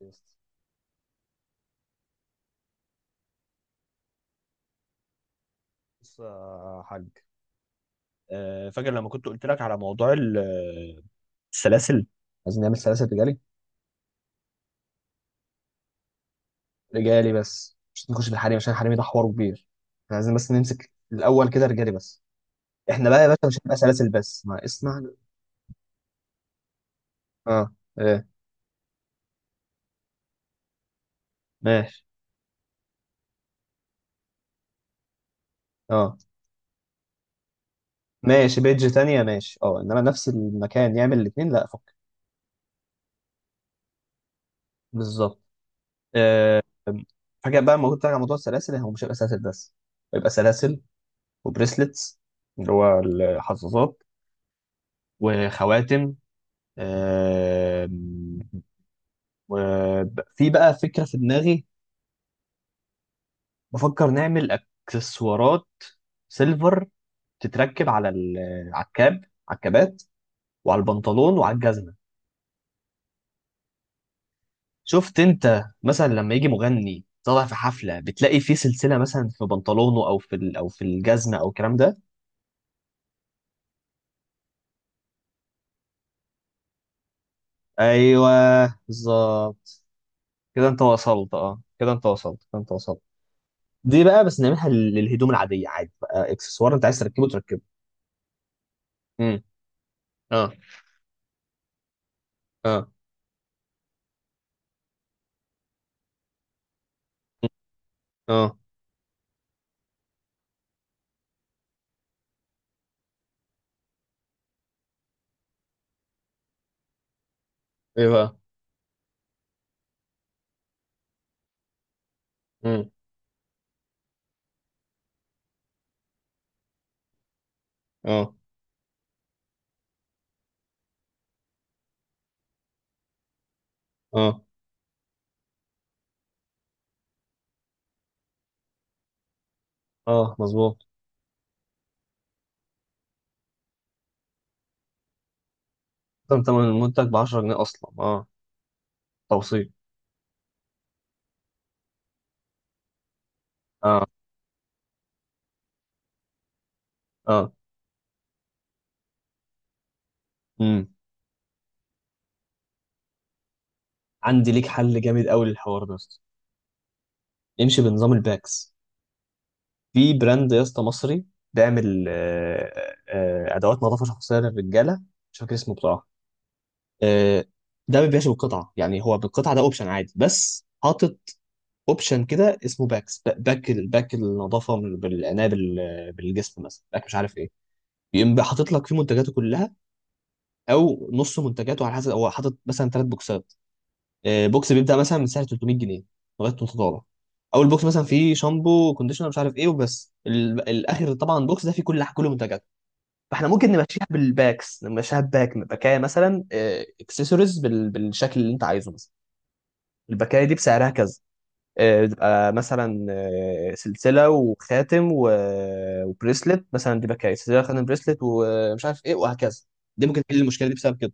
بص يا حاج. فاكر لما كنت قلت لك على موضوع السلاسل. عايزين نعمل سلاسل رجالي. رجالي بس مش نخش بالحريم، عشان الحريم ده حوار كبير. احنا عايزين بس نمسك الاول كده رجالي بس. احنا بقى يا باشا مش هنبقى سلاسل بس، ما اسمعنا. اه. ايه. ماشي، اه، ماشي بيدج تانية، ماشي، اه، انما نفس المكان يعمل الاثنين لا فك. بالظبط. آه، فاكر بقى لما قلت لك على موضوع السلاسل، هو مش هيبقى سلاسل بس، هيبقى سلاسل وبريسلتس اللي هو الحظاظات وخواتم. آم، وفي بقى فكرة في دماغي. بفكر نعمل اكسسوارات سيلفر تتركب على ال- على الكاب على الكابات وعلى البنطلون وعلى الجزمة. شفت انت مثلا لما يجي مغني طالع في حفلة، بتلاقي فيه سلسلة مثلا في بنطلونه او في او في الجزمة او الكلام ده. ايوه، بالظبط. كده انت وصلت، اه كده انت وصلت، كده انت وصلت. دي بقى بس نعملها للهدوم العادية عادي، بقى اكسسوار انت عايز تركبه تركبه. امم. اه، اه، اه، ايه بقى؟ امم. اه، اه، اه مظبوط. تمن المنتج ب 10 جنيه اصلا، اه. توصيل، اه، اه. امم. عندي ليك حل جامد قوي للحوار ده يا اسطى. امشي بنظام الباكس. في براند يا اسطى مصري بيعمل ادوات نظافه شخصيه للرجاله. مش فاكر اسمه بصراحه. آه ده ما بيبيعش بالقطعه، يعني هو بالقطعه ده اوبشن عادي، بس حاطط اوبشن كده اسمه باكس، باك النظافه، بالعنايه بالجسم مثلا، باك مش عارف ايه. يقوم بقى حاطط لك فيه منتجاته كلها، او نص منتجاته، على حسب. هو حاطط مثلا ثلاث بوكسات. بوكس بيبدا مثلا من سعر 300 جنيه لغايه 300. اول بوكس مثلا فيه شامبو كونديشنر مش عارف ايه وبس، الاخر طبعا، بوكس ده فيه كل منتجاته. فاحنا ممكن نمشيها بالباكس، نمشيها بباكايه مثلا، اكسسوارز بالشكل اللي انت عايزه مثلا. الباكايه دي بسعرها كذا. بتبقى مثلا، سلسله وخاتم و... وبريسلت مثلا. دي بقى سلسله خاتم بريسلت ومش عارف ايه، وهكذا. دي ممكن تحل المشكله دي بسبب كده.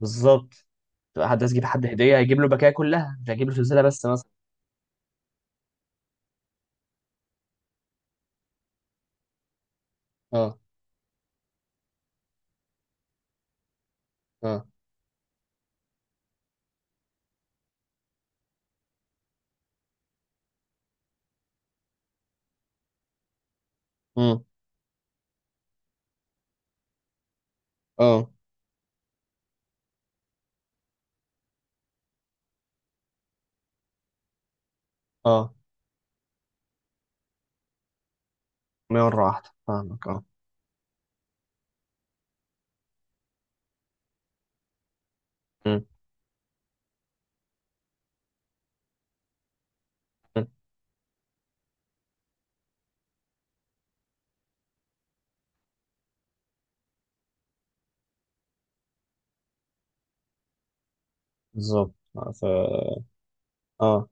بالظبط. تبقى حد عايز يجيب حد هديه، هيجيب له بكايه كلها، مش هيجيب له سلسله بس مثلا. اه، اه. امم. اه، اه. مره واحده فاهمك، اه. مم، مم. بالظبط. آه، ف اه،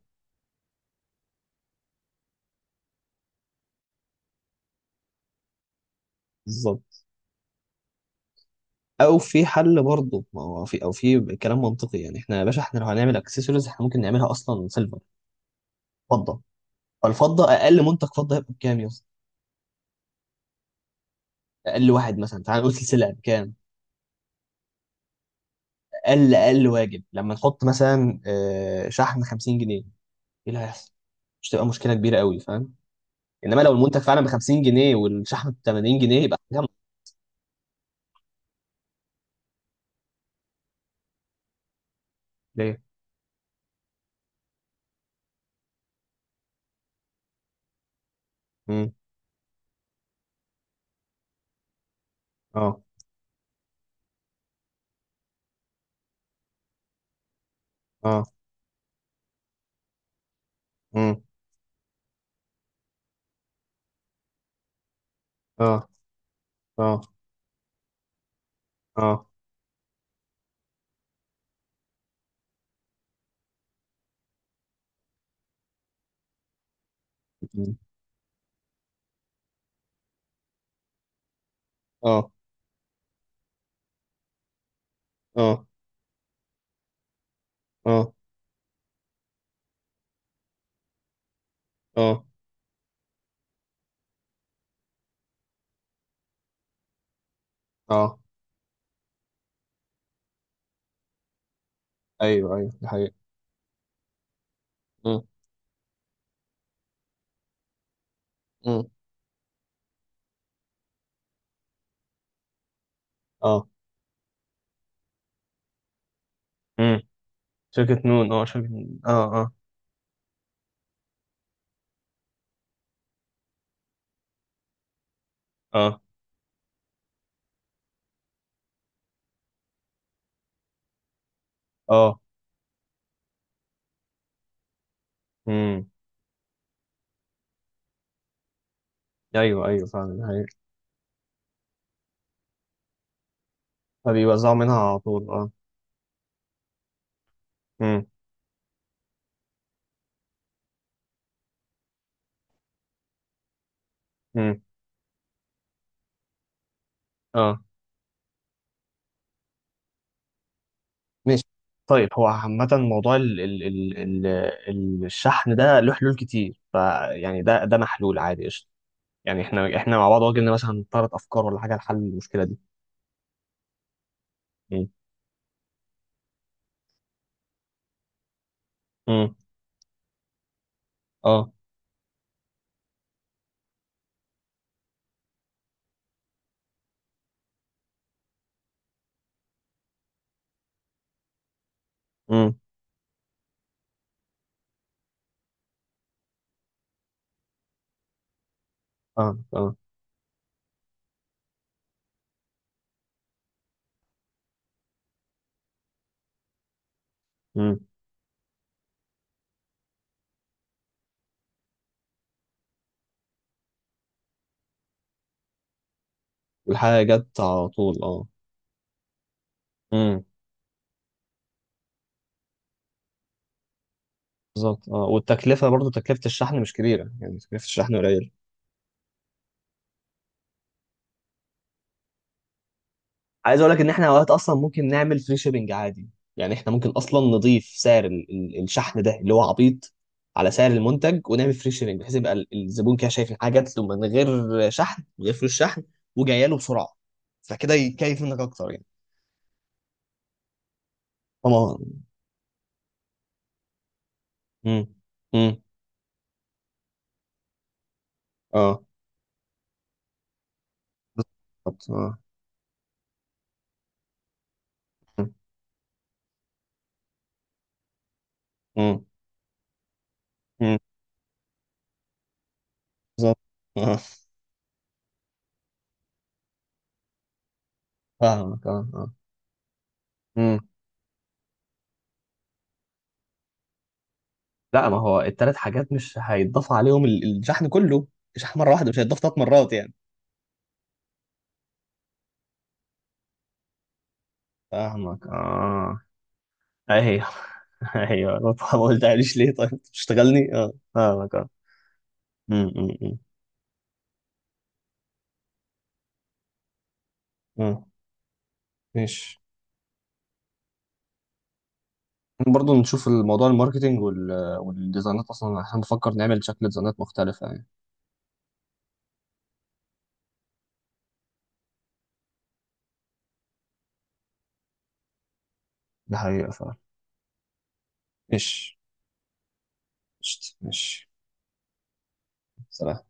بالظبط. او في حل برضه، ما هو في او في كلام منطقي، يعني احنا يا باشا، احنا لو هنعمل اكسسوارز احنا ممكن نعملها اصلا سيلفر. فضه. الفضه اقل منتج فضه هيبقى بكام يا اسطى؟ اقل واحد مثلا، تعال نقول سلسله يعني بكام؟ اقل واجب. لما نحط مثلا، شحن 50 جنيه، ايه اللي هيحصل؟ مش تبقى مشكله كبيره قوي، فاهم؟ انما لو المنتج فعلا ب 50 جنيه والشحن ب 80 جنيه، يبقى حاجه. ليه؟ امم. اه، اه. امم. اه، اه، اه. مم. اه، اه، اه، اه، اه. ايوه، ايوه، دي حقيقة. امم، امم. اه. امم. شركة نون، اه، شركة نون، اه، اه. اه، اه. امم. ايوه، ايوه فعلا، دي حقيقة. فبيوزعوا منها على طول، اه. امم، امم. اه. ماشي. طيب هو عامة موضوع الشحن ده له حلول كتير، فيعني ده محلول عادي، قشطة. يعني احنا مع بعض واجهنا مثلا ثلاث افكار ولا حاجة لحل المشكلة دي؟ امم، امم. اه. امم. اه، اه. امم. والحاجة جت على طول، اه. امم. بالظبط، اه، والتكلفة برضو تكلفة الشحن مش كبيرة، يعني تكلفة الشحن قليلة. عايز اقول لك ان احنا اوقات اصلا ممكن نعمل فري شيبنج عادي. يعني احنا ممكن اصلا نضيف سعر الشحن ده اللي هو عبيط على سعر المنتج، ونعمل فري شيبنج، بحيث يبقى الزبون كده شايف ان حاجه جات له من غير شحن، من غير فلوس شحن، وجايه له بسرعه. فكده يكيف منك اكتر يعني. طبعا. امم، امم. اه، بالظبط، اه. امم، امم. بالظبط، اه. فاهمك، اه، اه. امم. لا ما هو التلات حاجات مش هيتضاف عليهم الشحن كله. الشحن مره واحده، مش هيتضاف ثلاث مرات يعني. فاهمك، اه. ايوه. ايوه. ما قلتهاليش ليه؟ طيب تشتغلني؟ اه، فاهمك، اه. أمم، أمم، أمم. آه، ماشي. برضه نشوف الموضوع، الماركتينج وال... والديزاينات. اصلا احنا بنفكر نعمل شكل ديزاينات مختلفة يعني. ده حقيقة فعلا. ماشي. قشطة. ماشي. سلام.